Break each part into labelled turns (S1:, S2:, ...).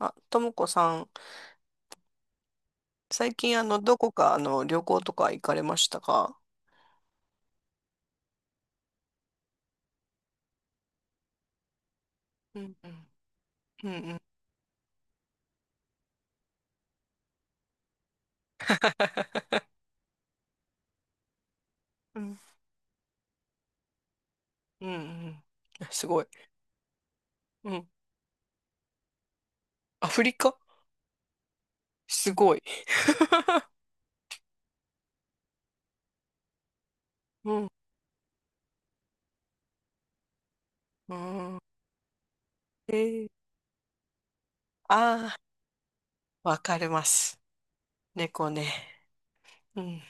S1: あ、ともこさん、最近どこか旅行とか行かれましたか？うんうん。うんうん。うんうん。うん。すごい。うん。アフリカ。すごい。うん。うん。えー、ああ、わかります。猫ね。うん。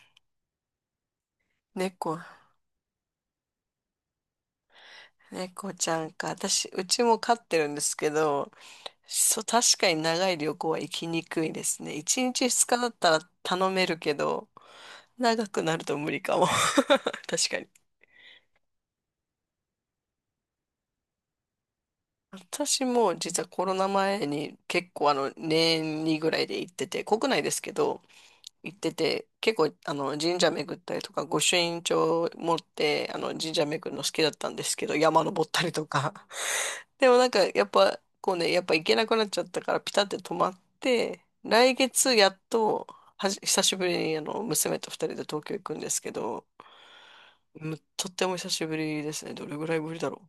S1: 猫、猫ちゃんか。私、うちも飼ってるんですけど、そう、確かに長い旅行は行きにくいですね。1日2日だったら頼めるけど、長くなると無理かも。確かに。私も実はコロナ前に結構年にぐらいで行ってて、国内ですけど行ってて、結構神社巡ったりとか、御朱印帳持って神社巡るの好きだったんですけど、山登ったりとか。でもなんかやっぱこうね、やっぱ行けなくなっちゃったからピタって止まって、来月やっと久しぶりにあの娘と二人で東京行くんですけど、とっても久しぶりですね。どれぐらいぶりだろう。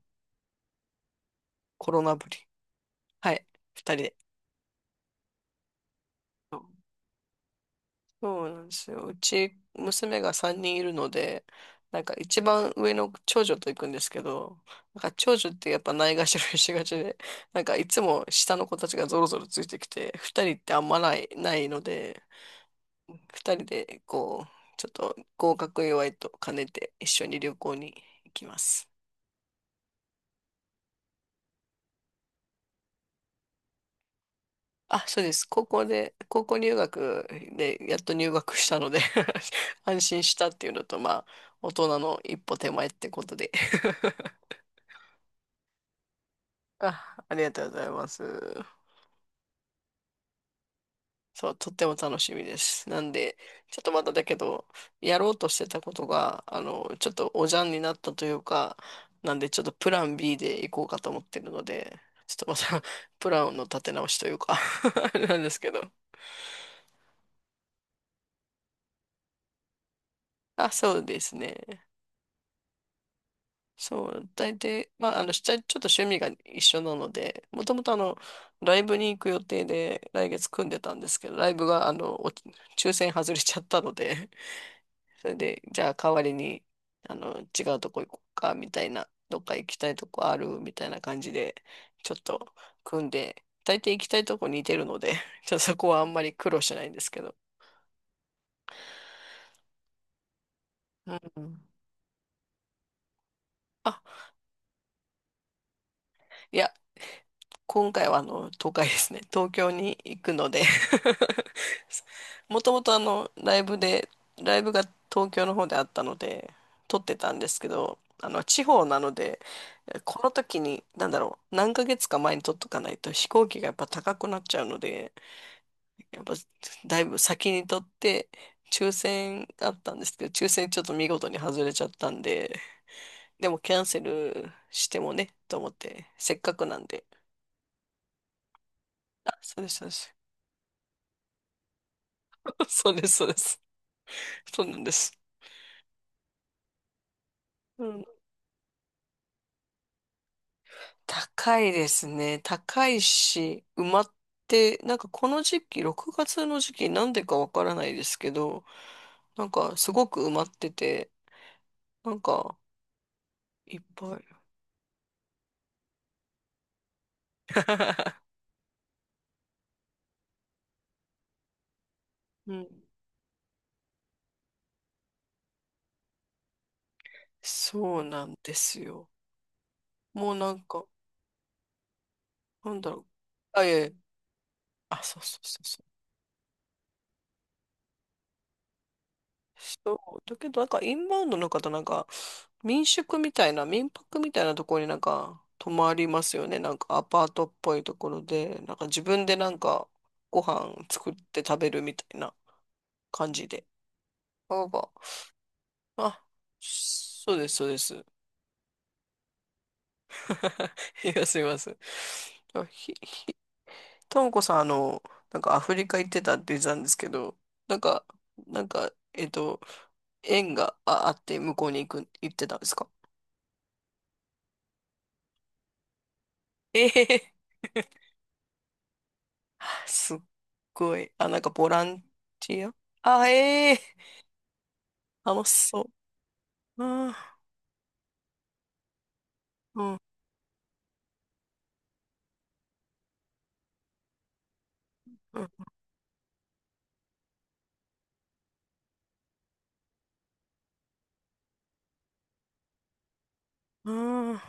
S1: コロナぶり。はい、二人で。そうなんですよ。うち、娘が3人いるので、なんか一番上の長女と行くんですけど、なんか長女ってやっぱないがしろにしがちで、なんかいつも下の子たちがゾロゾロついてきて、二人ってあんまない、ないので、二人でこう、ちょっと合格祝いと兼ねて一緒に旅行に行きます。あ、そうです。高校入学でやっと入学したので 安心したっていうのと、まあ、大人の一歩手前ってことで。あ、ありがとうございます。そう、とっても楽しみです。なんで、ちょっとまだだけど、やろうとしてたことが、ちょっとおじゃんになったというか、なんで、ちょっとプラン B で行こうかと思ってるので、ちょっとまた プランの立て直しというか あれなんですけど。あ、そうですね。そう、大体、まあ、しちゃちょっと趣味が一緒なので、もともとライブに行く予定で来月組んでたんですけど、ライブがお抽選外れちゃったので、それで、じゃあ代わりに、違うとこ行こうか、みたいな、どっか行きたいとこある、みたいな感じで、ちょっと組んで、大抵行きたいとこ似てるので、ちょっとそこはあんまり苦労しないんですけど。うん。あ、いや、今回は東海ですね。東京に行くので もともとライブが東京の方であったので、撮ってたんですけど、地方なので、この時に、なんだろう、何ヶ月か前に撮っとかないと飛行機がやっぱ高くなっちゃうので、やっぱだいぶ先に撮って、抽選あったんですけど、抽選ちょっと見事に外れちゃったんで、でもキャンセルしてもね、と思って、せっかくなんで。あ、そうです、そうです。そうです、そうです。そうなんです。うん、高いですね。高いし、埋まって、なんかこの時期、6月の時期、なんでかわからないですけど、なんかすごく埋まってて、なんかいっぱい。うん、そうなんですよ。もうなんか、なんだろう。あ、いえいえ、あ、そうそうそうそう。だけど、なんかインバウンドの方、なんか民宿みたいな、民泊みたいなところになんか泊まりますよね。なんかアパートっぽいところで、なんか自分でなんかご飯作って食べるみたいな感じで。あば、あ、そうです、そうです。いや、すいません。あひ、ひ、ともこさん、なんかアフリカ行ってたって言ってたんですけど、なんか、なんか、縁があって向こうに行ってたんですか？ええ すっごい。あ、なんかボランティアええ、楽しそう。うん、うん、うん、うん、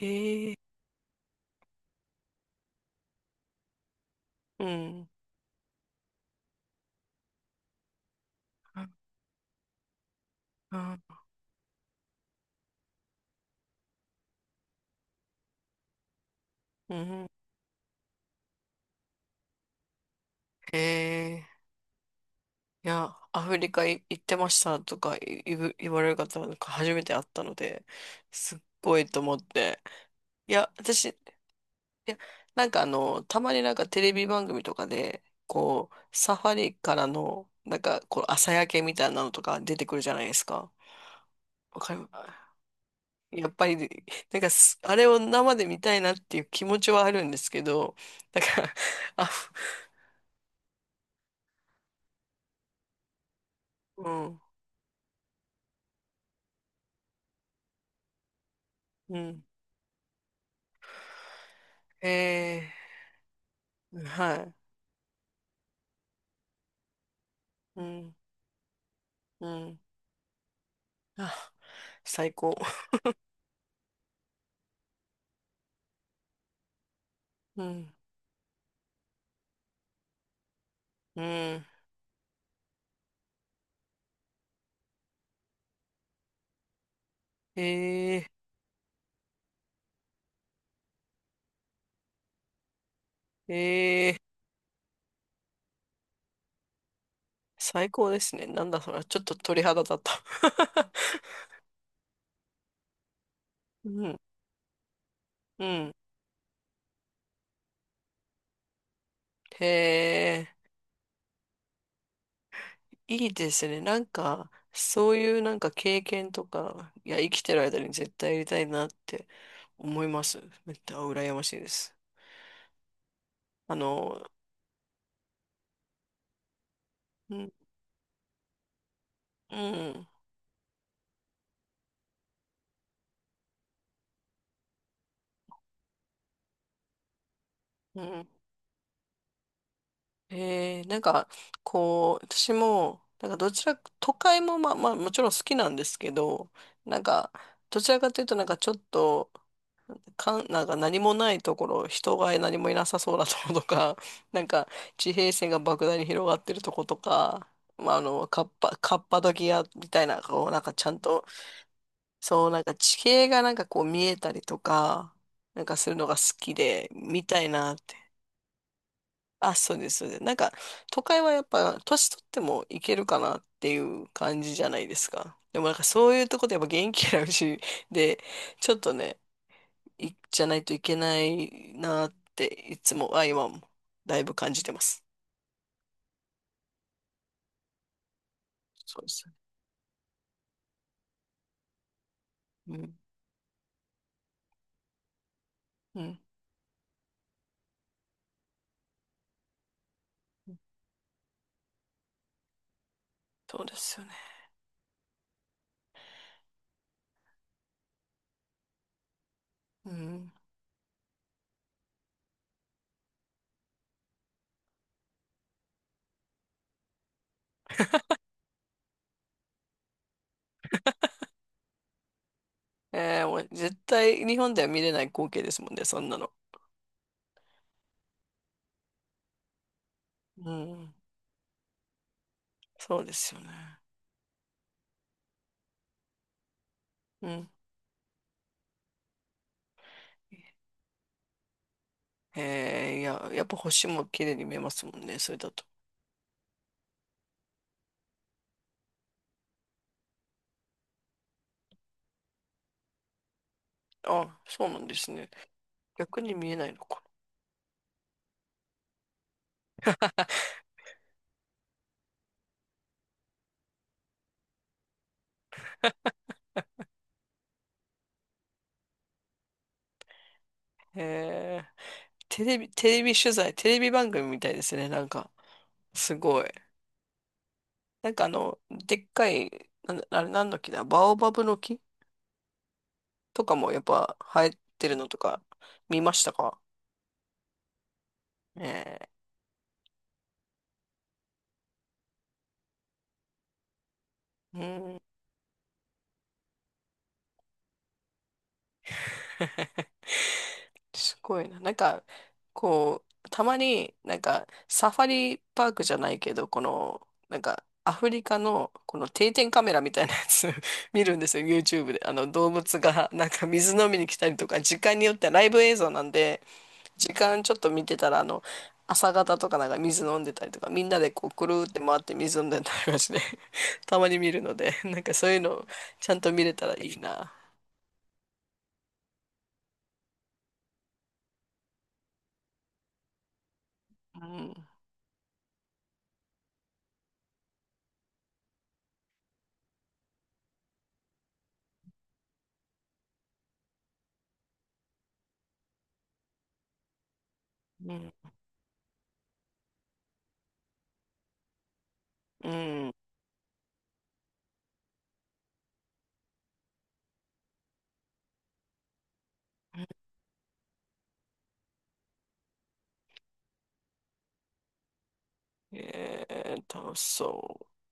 S1: へえ、うん、うん、うん、うん、へえ。いや、アフリカ行ってましたとか言われる方なんか初めて会ったので、すっごいと思って。いや、私、いや、なんかたまになんかテレビ番組とかで、こう、サファリからの、なんか、こう、朝焼けみたいなのとか出てくるじゃないですか。わかる。やっぱり、なんかあれを生で見たいなっていう気持ちはあるんですけど、だから、あ、ふうん、うん、えー、はい、うん、うん、あ、最高。うん、うん、えー、えー、最高ですね。なんだそれは、ちょっと鳥肌だった。うん、うん、へえ。いいですね。なんか、そういうなんか経験とか、いや、生きてる間に絶対やりたいなって思います。めっちゃ羨ましいです。あの、うん、うん、うん。なんか、こう、私も、なんかどちら、都会もまあまあもちろん好きなんですけど、なんか、どちらかというとなんかちょっと、なんか何もないところ、人が何もいなさそうなところとか、なんか地平線が莫大に広がってるとことか、まあ、カッパドキアみたいな、こう、なんかちゃんと、そう、なんか地形がなんかこう見えたりとか、なんかするのが好きで、見たいなって。あ、そうです、そうです。なんか、都会はやっぱ、年取ってもいけるかなっていう感じじゃないですか。でもなんかそういうとこでやっぱ元気なうちで、ちょっとね、いじゃないといけないなっていつも、あ、今もだいぶ感じてます。そうですよね。うん。うん。そうですよね。うん。えー、もう絶対日本では見れない光景ですもんね、そんなの。うん。そうですよね。うん。えー、いや、やっぱ星も綺麗に見えますもんね、それだと。あ、そうなんですね。逆に見えないのかな。えー、テレビ番組みたいですね、なんか。すごい。なんかでっかい、あれなんだっけな、バオバブの木とかもやっぱ生えてるのとか見ましたか？ええ、うん、すごいな。なんか、こう、たまになんかサファリパークじゃないけど、この、なんかアフリカのこの定点カメラみたいなやつ 見るんですよ、YouTube で。あの動物がなんか水飲みに来たりとか、時間によってはライブ映像なんで、時間ちょっと見てたら、朝方とかなんか水飲んでたりとか、みんなでこう、くるーって回って水飲んでたりはして、たまに見るので、なんかそういうのちゃんと見れたらいいな。うん、うん、うん。えー、楽しそう。